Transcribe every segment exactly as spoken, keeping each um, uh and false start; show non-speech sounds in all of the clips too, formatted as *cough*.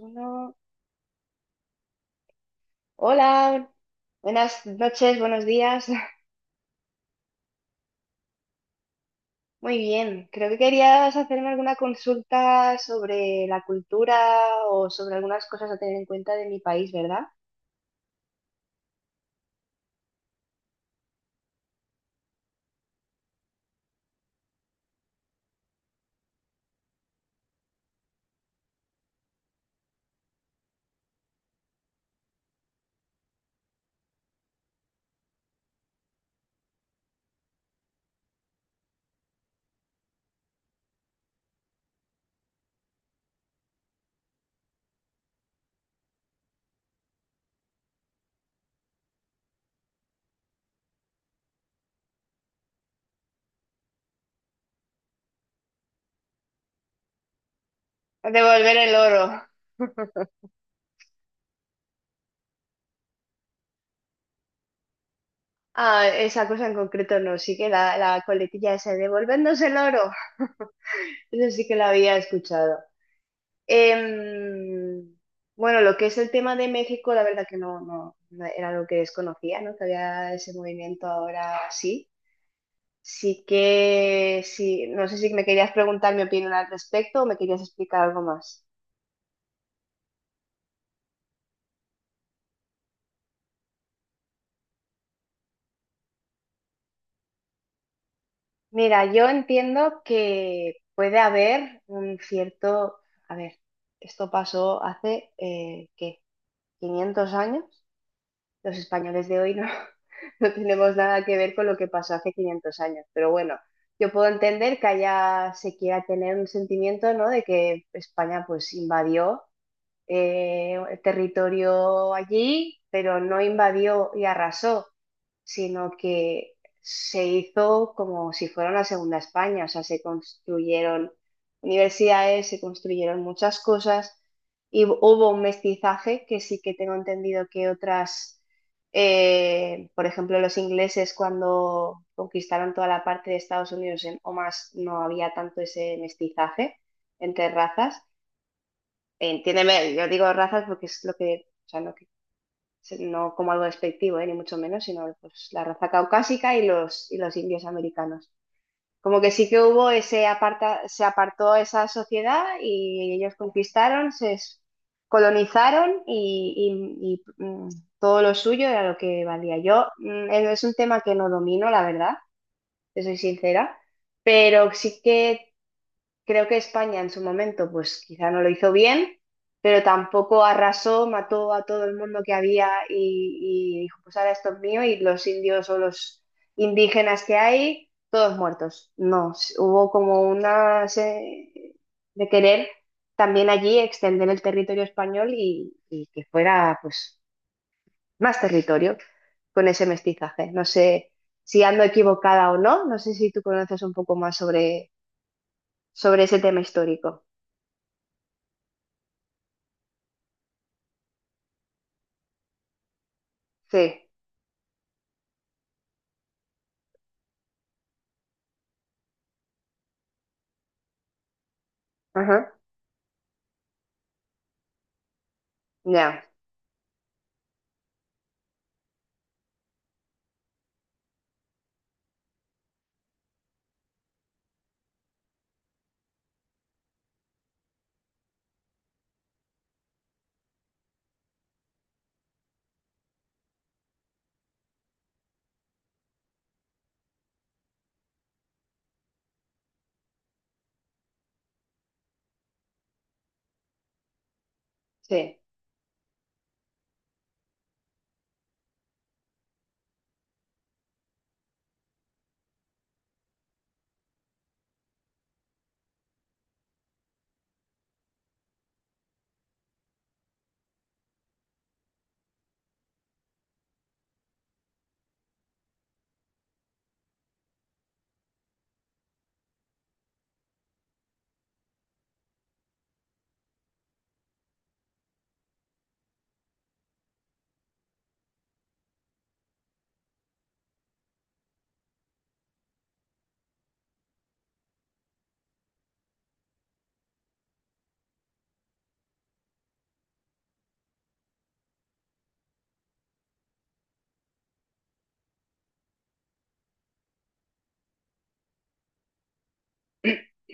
Uno. Hola, buenas noches, buenos días. *laughs* Muy bien, creo que querías hacerme alguna consulta sobre la cultura o sobre algunas cosas a tener en cuenta de mi país, ¿verdad? Devolver el oro. Ah, esa cosa en concreto no, sí que la, la coletilla esa, de devolvernos el oro. *laughs* Eso sí que la había escuchado. Em, bueno, lo que es el tema de México, la verdad que no, no, no era algo que desconocía, ¿no? Que había ese movimiento ahora sí. Sí que, sí, no sé si me querías preguntar mi opinión al respecto o me querías explicar algo más. Mira, yo entiendo que puede haber un cierto, a ver, esto pasó hace, eh, ¿qué? Quinientos años. Los españoles de hoy no, *laughs* no tenemos nada que ver con lo que pasó hace quinientos años, pero bueno, yo puedo entender que allá se quiera tener un sentimiento, ¿no? De que España pues invadió. Eh, el territorio allí, pero no invadió y arrasó, sino que se hizo como si fuera una segunda España, o sea, se construyeron universidades, se construyeron muchas cosas y hubo un mestizaje que sí que tengo entendido que otras, eh, por ejemplo, los ingleses cuando conquistaron toda la parte de Estados Unidos en- o más, no había tanto ese mestizaje entre razas. Entiéndeme, yo digo razas porque es lo que, o sea, no, que- no como algo despectivo, eh, ni mucho menos, sino pues, la raza caucásica y los, y los indios americanos. Como que sí que hubo ese aparta, se apartó esa sociedad y ellos conquistaron, se es- colonizaron y, y- y, mm, todo lo suyo era lo que valía. Yo mm, es un tema que no domino, la verdad, te soy sincera, pero sí que creo que España en su momento, pues quizá no lo hizo bien, pero tampoco arrasó, mató a todo el mundo que había y, y dijo, pues ahora esto es mío y los indios o los indígenas que hay, todos muertos. No, s- hubo como una se- de querer también allí extender el territorio español y, y que fuera pues más territorio con ese mestizaje. No sé si ando equivocada o no, no sé si tú conoces un poco más sobre, sobre ese tema histórico. Sí, ajá, ya, sí, *clears throat*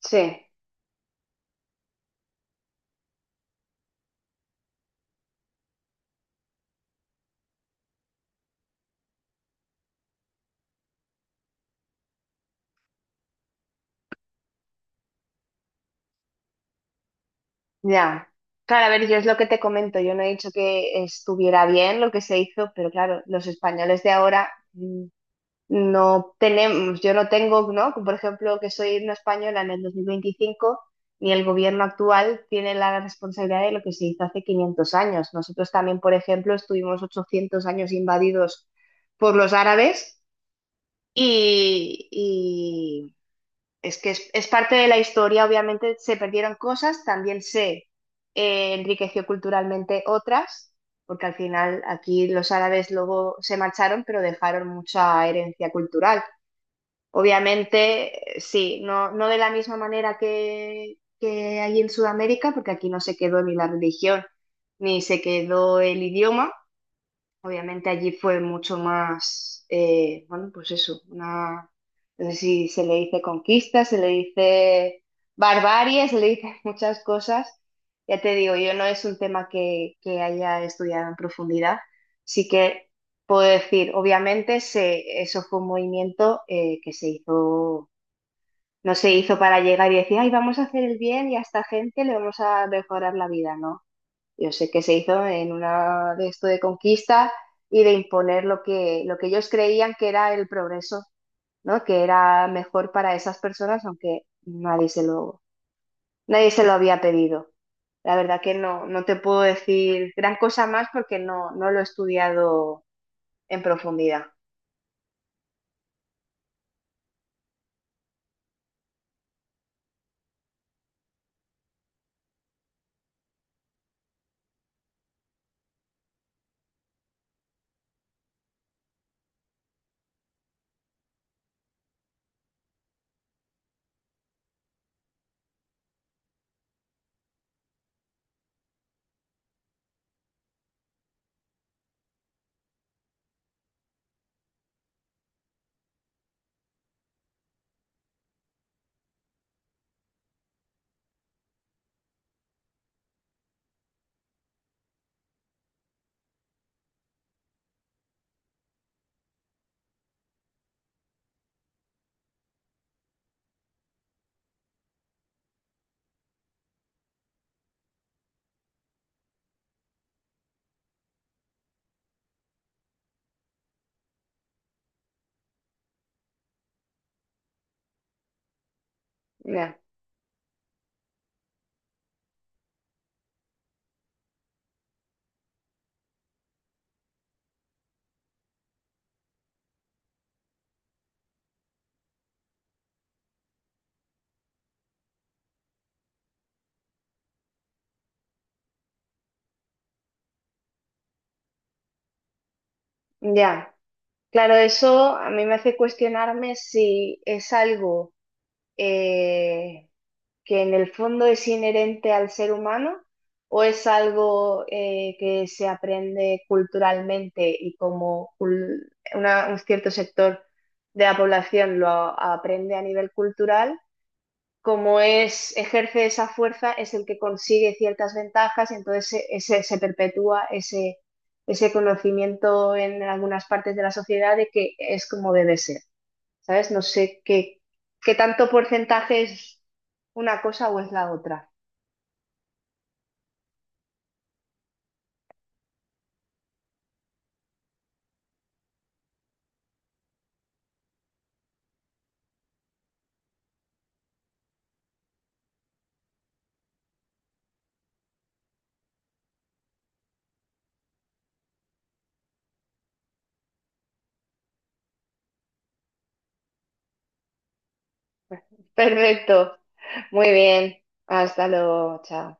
sí, ya. Claro, a ver, yo es lo que te comento, yo no he dicho que estuviera bien lo que se hizo, pero claro, los españoles de ahora mm, no tenemos, yo no tengo, ¿no? Por ejemplo, que soy una española en el dos mil veinticinco, ni el gobierno actual tiene la responsabilidad de lo que se hizo hace quinientos años. Nosotros también, por ejemplo, estuvimos ochocientos años invadidos por los árabes, y es que es, es parte de la historia, obviamente se perdieron cosas, también se eh, enriqueció culturalmente otras, porque al final aquí los árabes luego se marcharon, pero dejaron mucha herencia cultural. Obviamente, eh, sí, no, no de la misma manera que, que allí en Sudamérica, porque aquí no se quedó ni la religión, ni se quedó el idioma. Obviamente allí fue mucho más, eh, bueno, pues eso, una, no sé si se le dice conquista, se le dice barbarie, se le dice *laughs* muchas cosas. Ya te digo, yo no es un tema que, que haya estudiado en profundidad, sí que puedo decir, obviamente se, eso fue un movimiento eh, que se hizo, no se hizo para llegar y decir, ay, vamos a hacer el bien y a esta gente le vamos a mejorar la vida, ¿no? Yo sé que se hizo en una de esto de conquista y de imponer lo que, lo que ellos creían que era el progreso, ¿no? Que era mejor para esas personas, aunque nadie se lo, nadie se lo había pedido. La verdad que no, no te puedo decir gran cosa más porque no, no lo he estudiado en profundidad. Ya, ya. Claro, eso a mí me hace cuestionarme si es algo eh, que en el fondo es inherente al ser humano o es algo eh, que se aprende culturalmente y como cul- una- un cierto sector de la población lo a- aprende a nivel cultural, como es, ejerce esa fuerza, es el que consigue ciertas ventajas y entonces se, ese- se perpetúa ese, ese conocimiento en algunas partes de la sociedad de que es como debe ser. ¿Sabes? No sé qué, qué tanto porcentaje es una cosa o es la otra. *laughs* Perfecto, muy bien. Hasta luego, chao.